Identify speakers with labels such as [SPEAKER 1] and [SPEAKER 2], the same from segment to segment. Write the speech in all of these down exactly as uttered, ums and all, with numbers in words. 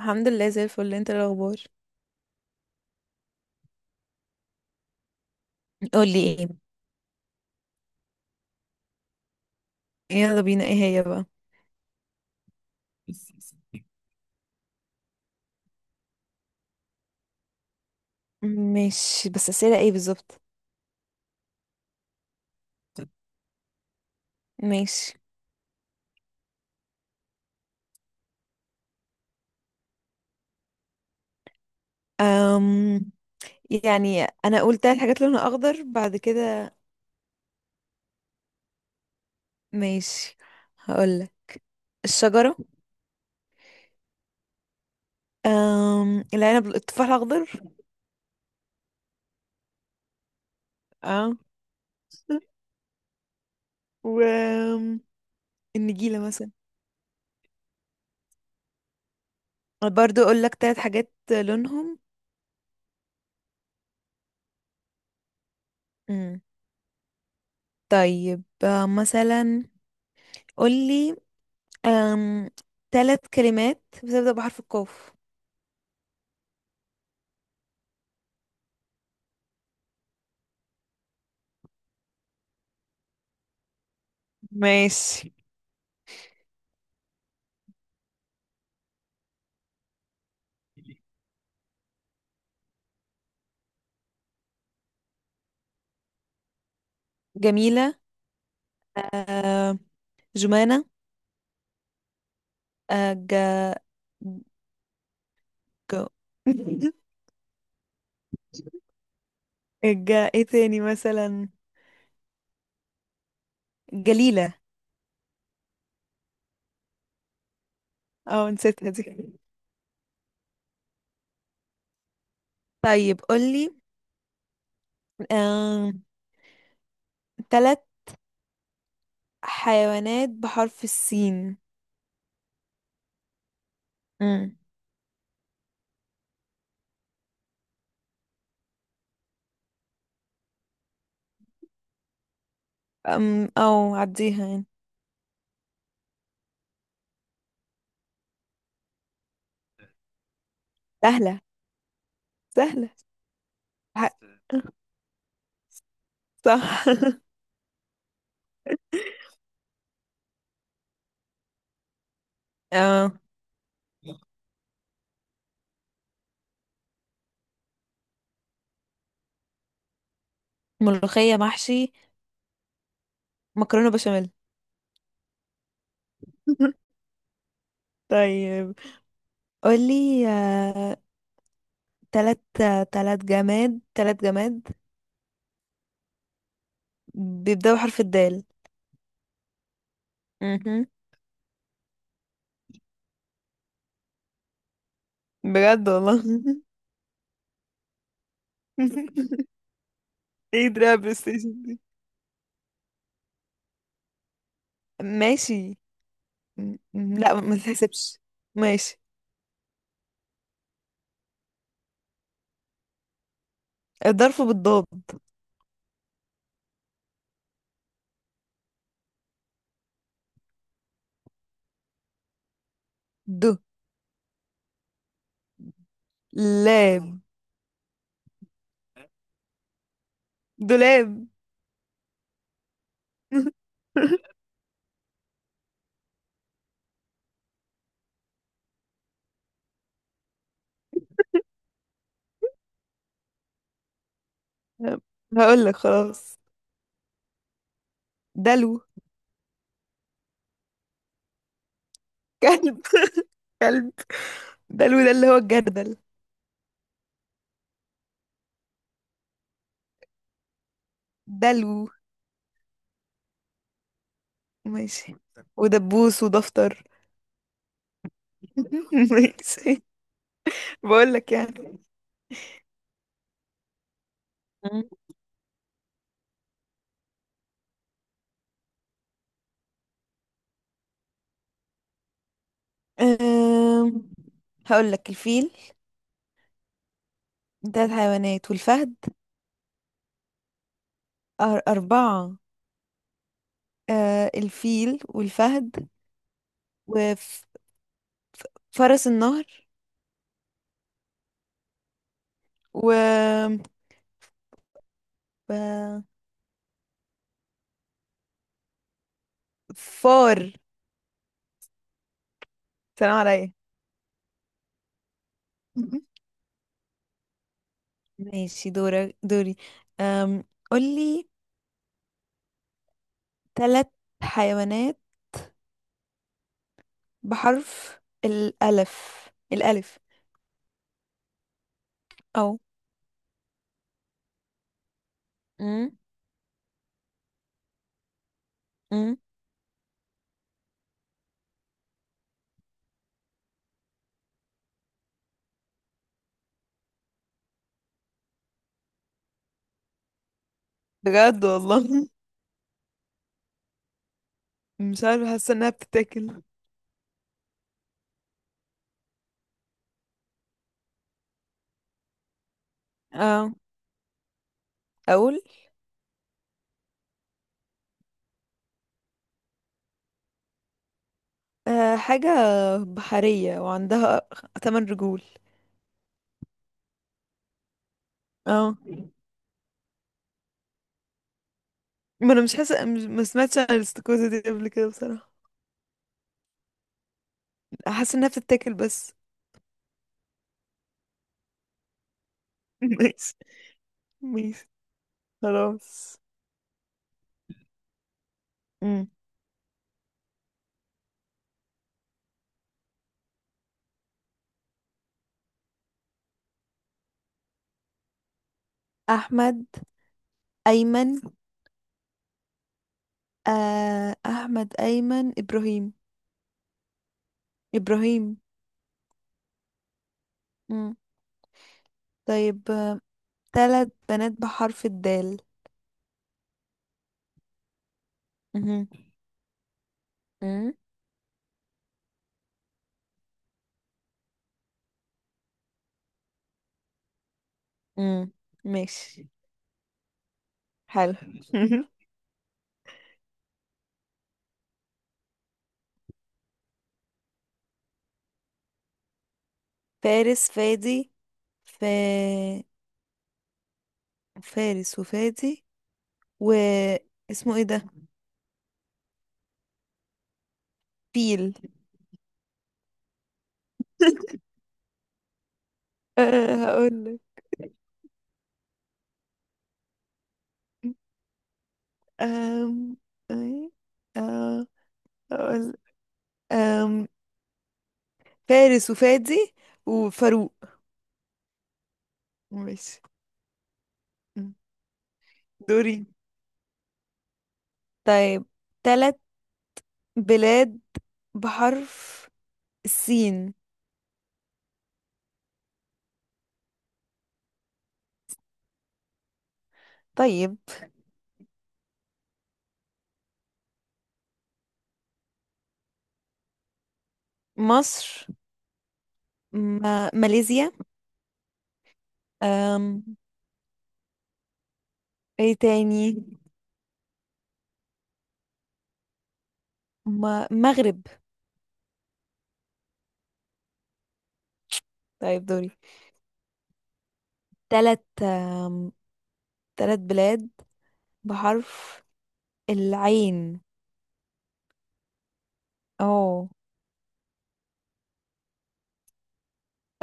[SPEAKER 1] الحمد لله زي الفل. انت ايه الاخبار؟ قولي ايه. يلا بينا، ايه هي بقى؟ ماشي، بس اسئله ايه بالظبط؟ ماشي. أم يعني انا قلت الحاجات لونها اخضر بعد كده؟ ماشي، هقول الشجره، أم العنب، التفاح الاخضر. اه، و أم، النجيله مثلا. برضو اقول لك ثلاث حاجات لونهم. مم. طيب، آه، مثلا قول لي ثلاث كلمات بتبدأ بحرف القاف. ماشي، جميلة، آه، جمانة، آه، ج... ج... ج... ايه تاني مثلا؟ جليلة. اه، نسيتها دي. طيب قولي، آه... تلات حيوانات بحرف السين. امم أم... او عديها يعني. سهلة سهلة ح- صح. آه... ملوخية محشي، مكرونة بشاميل. طيب قولي آه... تلات تلات جماد تلات جماد بيبدأوا بحرف الدال. مهم. بجد والله. ايه دراع بلاي ستيشن دي؟ ماشي. م- م- لا، ما تحسبش. ماشي. الظرف بالضاد. د لاب، دولاب. هقول لك خلاص، دلو. كلب؟ كلب! دلو ده اللي هو الجردل. دلو. ماشي. ودبوس، ودفتر. ماشي. بقول لك يعني. مم. أم... هقول لك الفيل، تلات حيوانات، والفهد. أر- أربعة. آه، الفيل، والفهد، وفرس النهر. و و- فار. سلام عليا. ماشي، دورك. دوري؟ أم قولي تلات حيوانات بحرف الألف الألف أو، أم، أم. بجد والله. مش عارفة، حاسة إنها بتتاكل. اه أقول، أه حاجة بحرية وعندها تمن رجول. اه. ما انا مش حاسه مش- ما سمعتش عن الاستاكوزا دي قبل كده بصراحه. حاسه انها بتتاكل بس. ماشي. ماشي خلاص. مم. احمد، ايمن. آه، احمد، ايمن، ابراهيم. ابراهيم. مم. طيب، آه، تلات بنات بحرف الدال. مهم. مم. مم. ماشي. حلو. فارس، فادي. ف... فارس، وفادي، و اسمه ايه ده؟ فيل؟ أه هقول لك. أم... أي- أه... أقول- أم... فارس، وفادي، وفاروق. ماشي. م. دوري. طيب، ثلاث بلاد بحرف السين. طيب، مصر، ما... ماليزيا، أم... ايه تاني؟ ما... مغرب. طيب دوري، ثلاث، أم... ثلاث بلاد بحرف العين. او،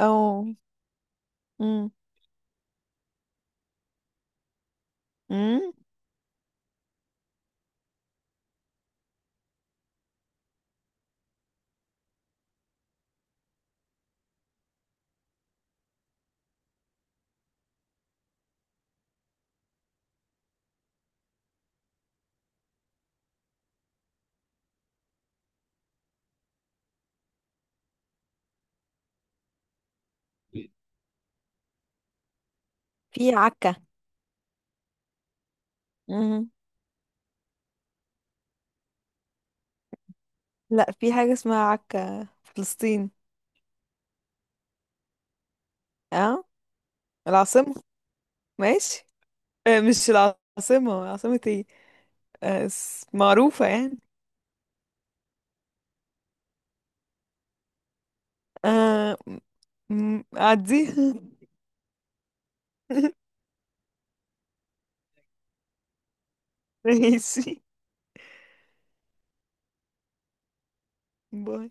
[SPEAKER 1] او. مم. مم. في عكا. لا، في حاجة اسمها عكا في فلسطين. اه. العاصمة. ماشي. آه، مش العاصمة، عاصمة ايه، آه، اس- معروفة يعني. آه، م- م- عديها. ماشي. باي.